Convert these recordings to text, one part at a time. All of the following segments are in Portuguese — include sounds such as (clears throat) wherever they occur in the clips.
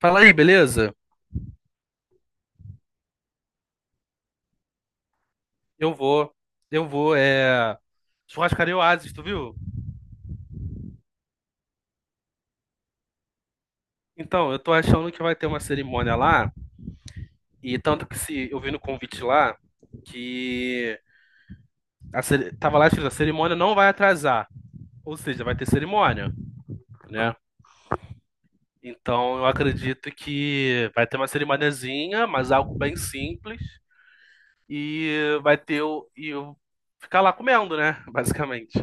Fala aí, beleza? Eu vou. Eu vou, é. Churrascaria Oasis, tu viu? Então, eu tô achando que vai ter uma cerimônia lá. E tanto que se eu vi no convite lá que tava lá escrito, a cerimônia não vai atrasar. Ou seja, vai ter cerimônia, né? Então eu acredito que vai ter uma cerimoniazinha, mas algo bem simples. E vai ter o. E eu ficar lá comendo, né? (laughs) Basicamente.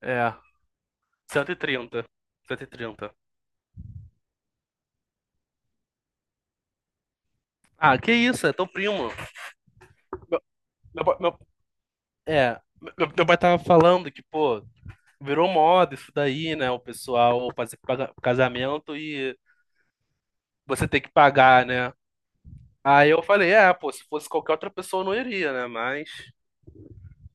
É. Cento Cento e trinta. Cento e trinta. Ah, que isso, é tão primo. Meu, meu, pa- meu- é, meu pai tava falando que, pô, virou moda isso daí, né? O pessoal fazer casamento e você ter que pagar, né? Aí eu falei, é, pô, se fosse qualquer outra pessoa eu não iria, né? Mas,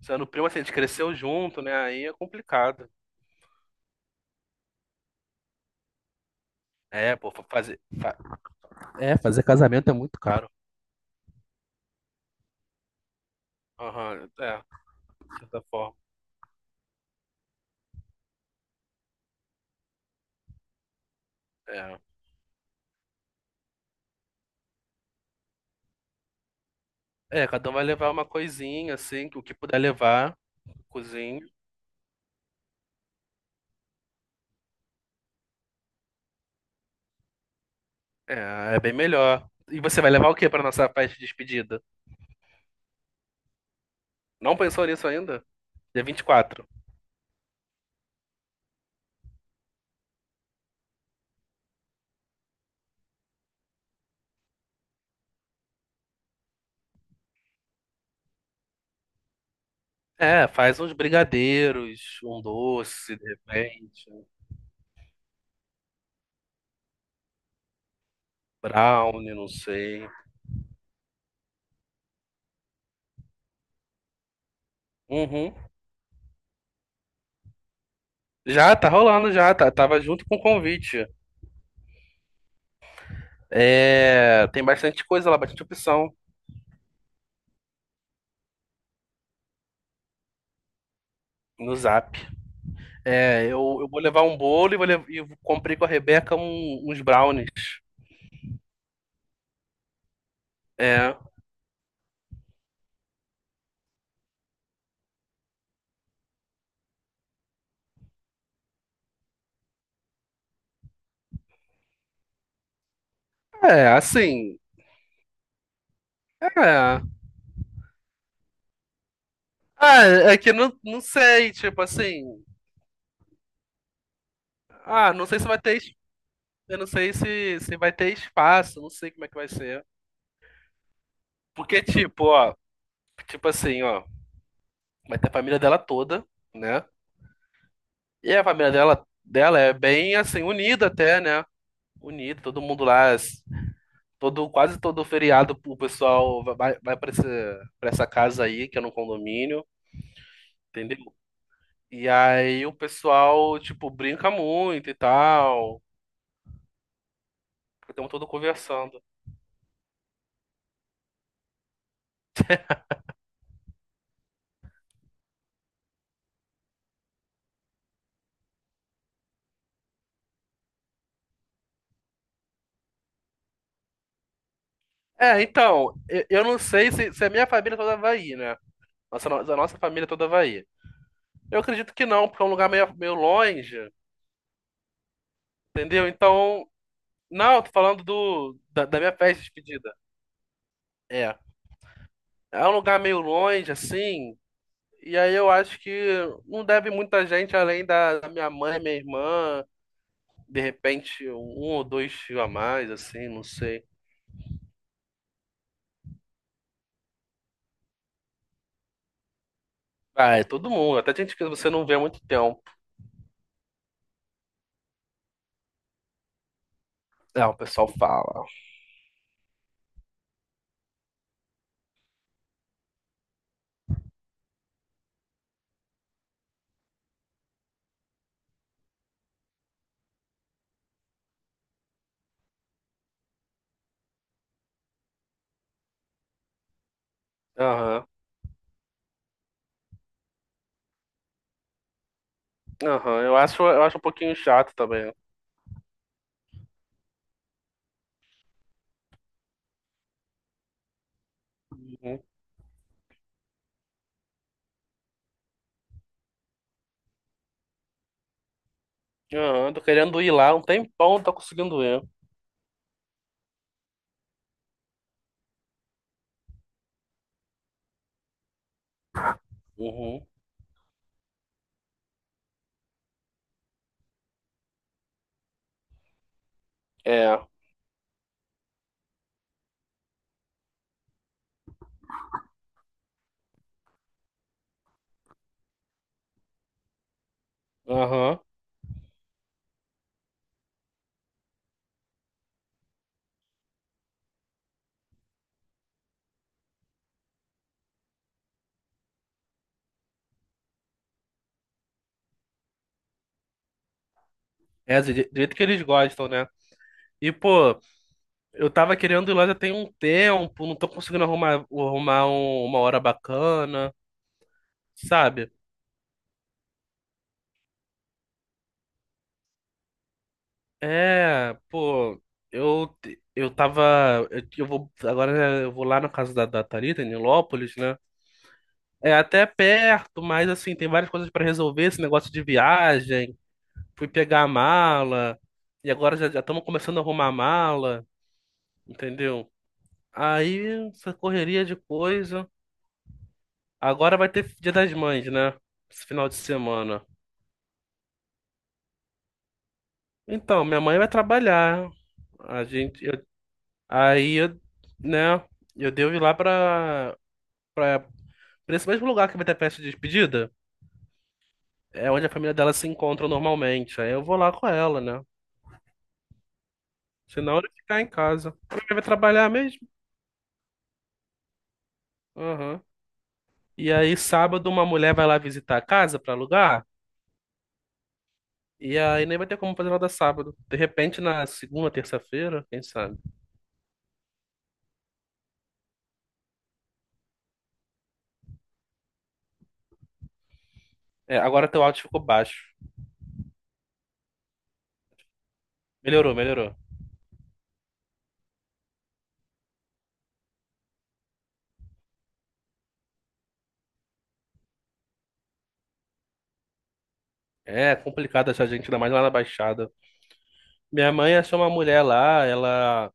sendo primo, assim, a gente cresceu junto, né? Aí é complicado. É, pô, É, fazer casamento é muito caro. Aham, é, de certa forma. É. É, cada um vai levar uma coisinha, assim, que o que puder levar, cozinho. É, é bem melhor. E você vai levar o que pra nossa festa de despedida? Não pensou nisso ainda? Dia 24. É, faz uns brigadeiros, um doce, de repente, um brownie, não sei. Uhum. Já, tá rolando já, tá, tava junto com o convite. É, tem bastante coisa lá, bastante opção no Zap. É, eu vou levar um bolo e e comprei com a Rebeca uns brownies. É, é, assim, é. Ah, é que não, não sei, tipo assim. Ah, não sei se vai ter. Eu não sei se vai ter espaço, não sei como é que vai ser. Porque, tipo, ó, tipo assim, ó, vai ter a família dela toda, né? E a família dela é bem assim, unida até, né? Unida, todo mundo lá, todo, quase todo feriado o pessoal vai pra, pra essa casa aí, que é num condomínio, entendeu? E aí o pessoal, tipo, brinca muito e tal, ficam todo conversando. É, então, eu não sei se a minha família toda vai ir, né? Nossa, da nossa família toda Havaí. Eu acredito que não, porque é um lugar meio longe, entendeu? Então, não, tô falando da minha festa de despedida. É. É um lugar meio longe, assim, e aí eu acho que não deve muita gente além da minha mãe, minha irmã, de repente um ou dois tios a mais, assim, não sei. Ah, é todo mundo, até gente que você não vê há muito tempo. É, o pessoal fala. Aham, aham, eu acho um pouquinho chato também. Uhum. Aham, tô querendo ir lá um tempão, não tô conseguindo ir. Uhum. É, aham. É, do jeito que eles gostam, né? E, pô, eu tava querendo ir lá já tem um tempo, não tô conseguindo arrumar uma hora bacana, sabe? É, pô, eu tava. Eu vou, agora né, eu vou lá na casa da Thalita, em Nilópolis, né? É até perto, mas assim, tem várias coisas pra resolver, esse negócio de viagem. Fui pegar a mala, e agora já estamos começando a arrumar a mala, entendeu? Aí, essa correria de coisa. Agora vai ter Dia das Mães, né? Esse final de semana. Então, minha mãe vai trabalhar. A gente, aí, eu, né? Eu devo ir lá pra, pra, esse mesmo lugar que vai ter festa de despedida. É onde a família dela se encontra normalmente. Aí eu vou lá com ela, né? Senão eu ia ficar em casa. Ela vai trabalhar mesmo? Aham. E aí, sábado, uma mulher vai lá visitar a casa pra alugar. E aí nem vai ter como fazer nada sábado. De repente, na segunda, terça-feira, quem sabe? É, agora teu áudio ficou baixo. Melhorou, melhorou. É complicado achar gente, ainda mais lá na Baixada. Minha mãe achou uma mulher lá, ela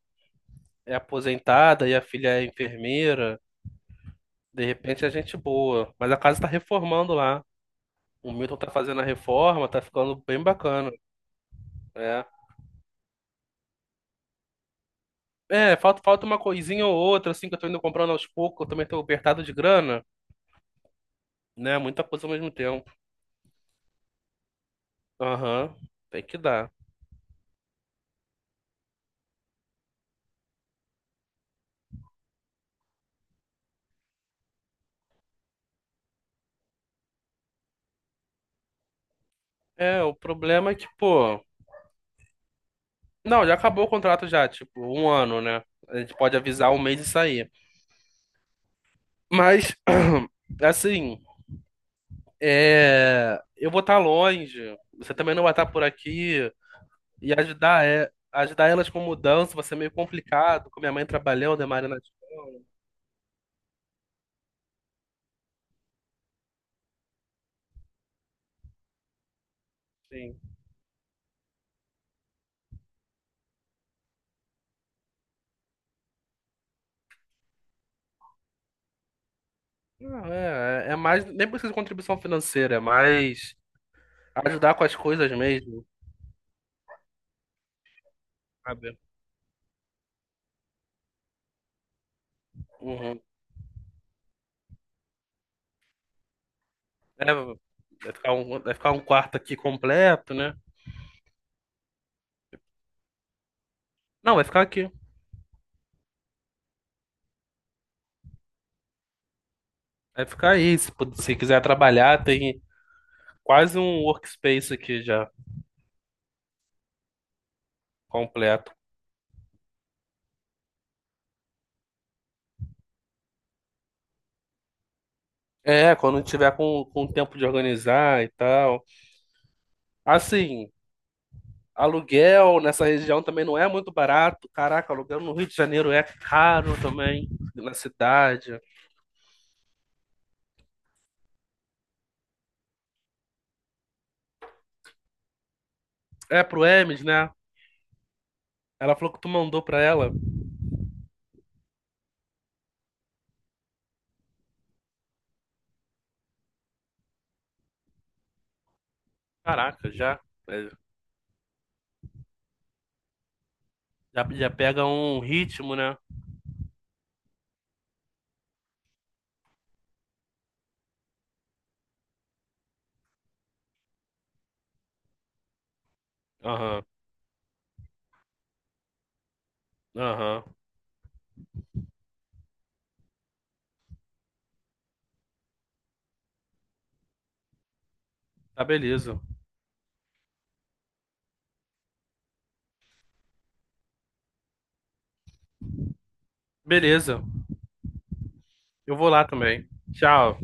é aposentada e a filha é enfermeira. De repente é gente boa. Mas a casa tá reformando lá. O Milton tá fazendo a reforma, tá ficando bem bacana. É. É, falta uma coisinha ou outra, assim, que eu tô indo comprando aos poucos, eu também tô apertado de grana. Né? Muita coisa ao mesmo tempo. Aham, tem que dar. É, o problema é que, pô. Não, já acabou o contrato já, tipo, um ano, né? A gente pode avisar um mês e sair. Mas, (clears throat) assim, eu vou estar longe, você também não vai estar por aqui, e ajudar elas com mudança vai ser meio complicado, com minha mãe trabalhando, a Maria na escola, enfim. Não, nem precisa de contribuição financeira, é mais ajudar com as coisas mesmo, sabe? É, vai ficar um quarto aqui completo, né? Não, vai ficar aqui. Vai ficar aí. Se quiser trabalhar, tem quase um workspace aqui já completo. É, quando tiver com tempo de organizar e tal. Assim, aluguel nessa região também não é muito barato. Caraca, aluguel no Rio de Janeiro é caro também, na cidade. É pro Hermes, né? Ela falou que tu mandou pra ela. Caraca, é, já pega um ritmo, né? Aham, aham. Tá, beleza. Beleza. Eu vou lá também. Tchau.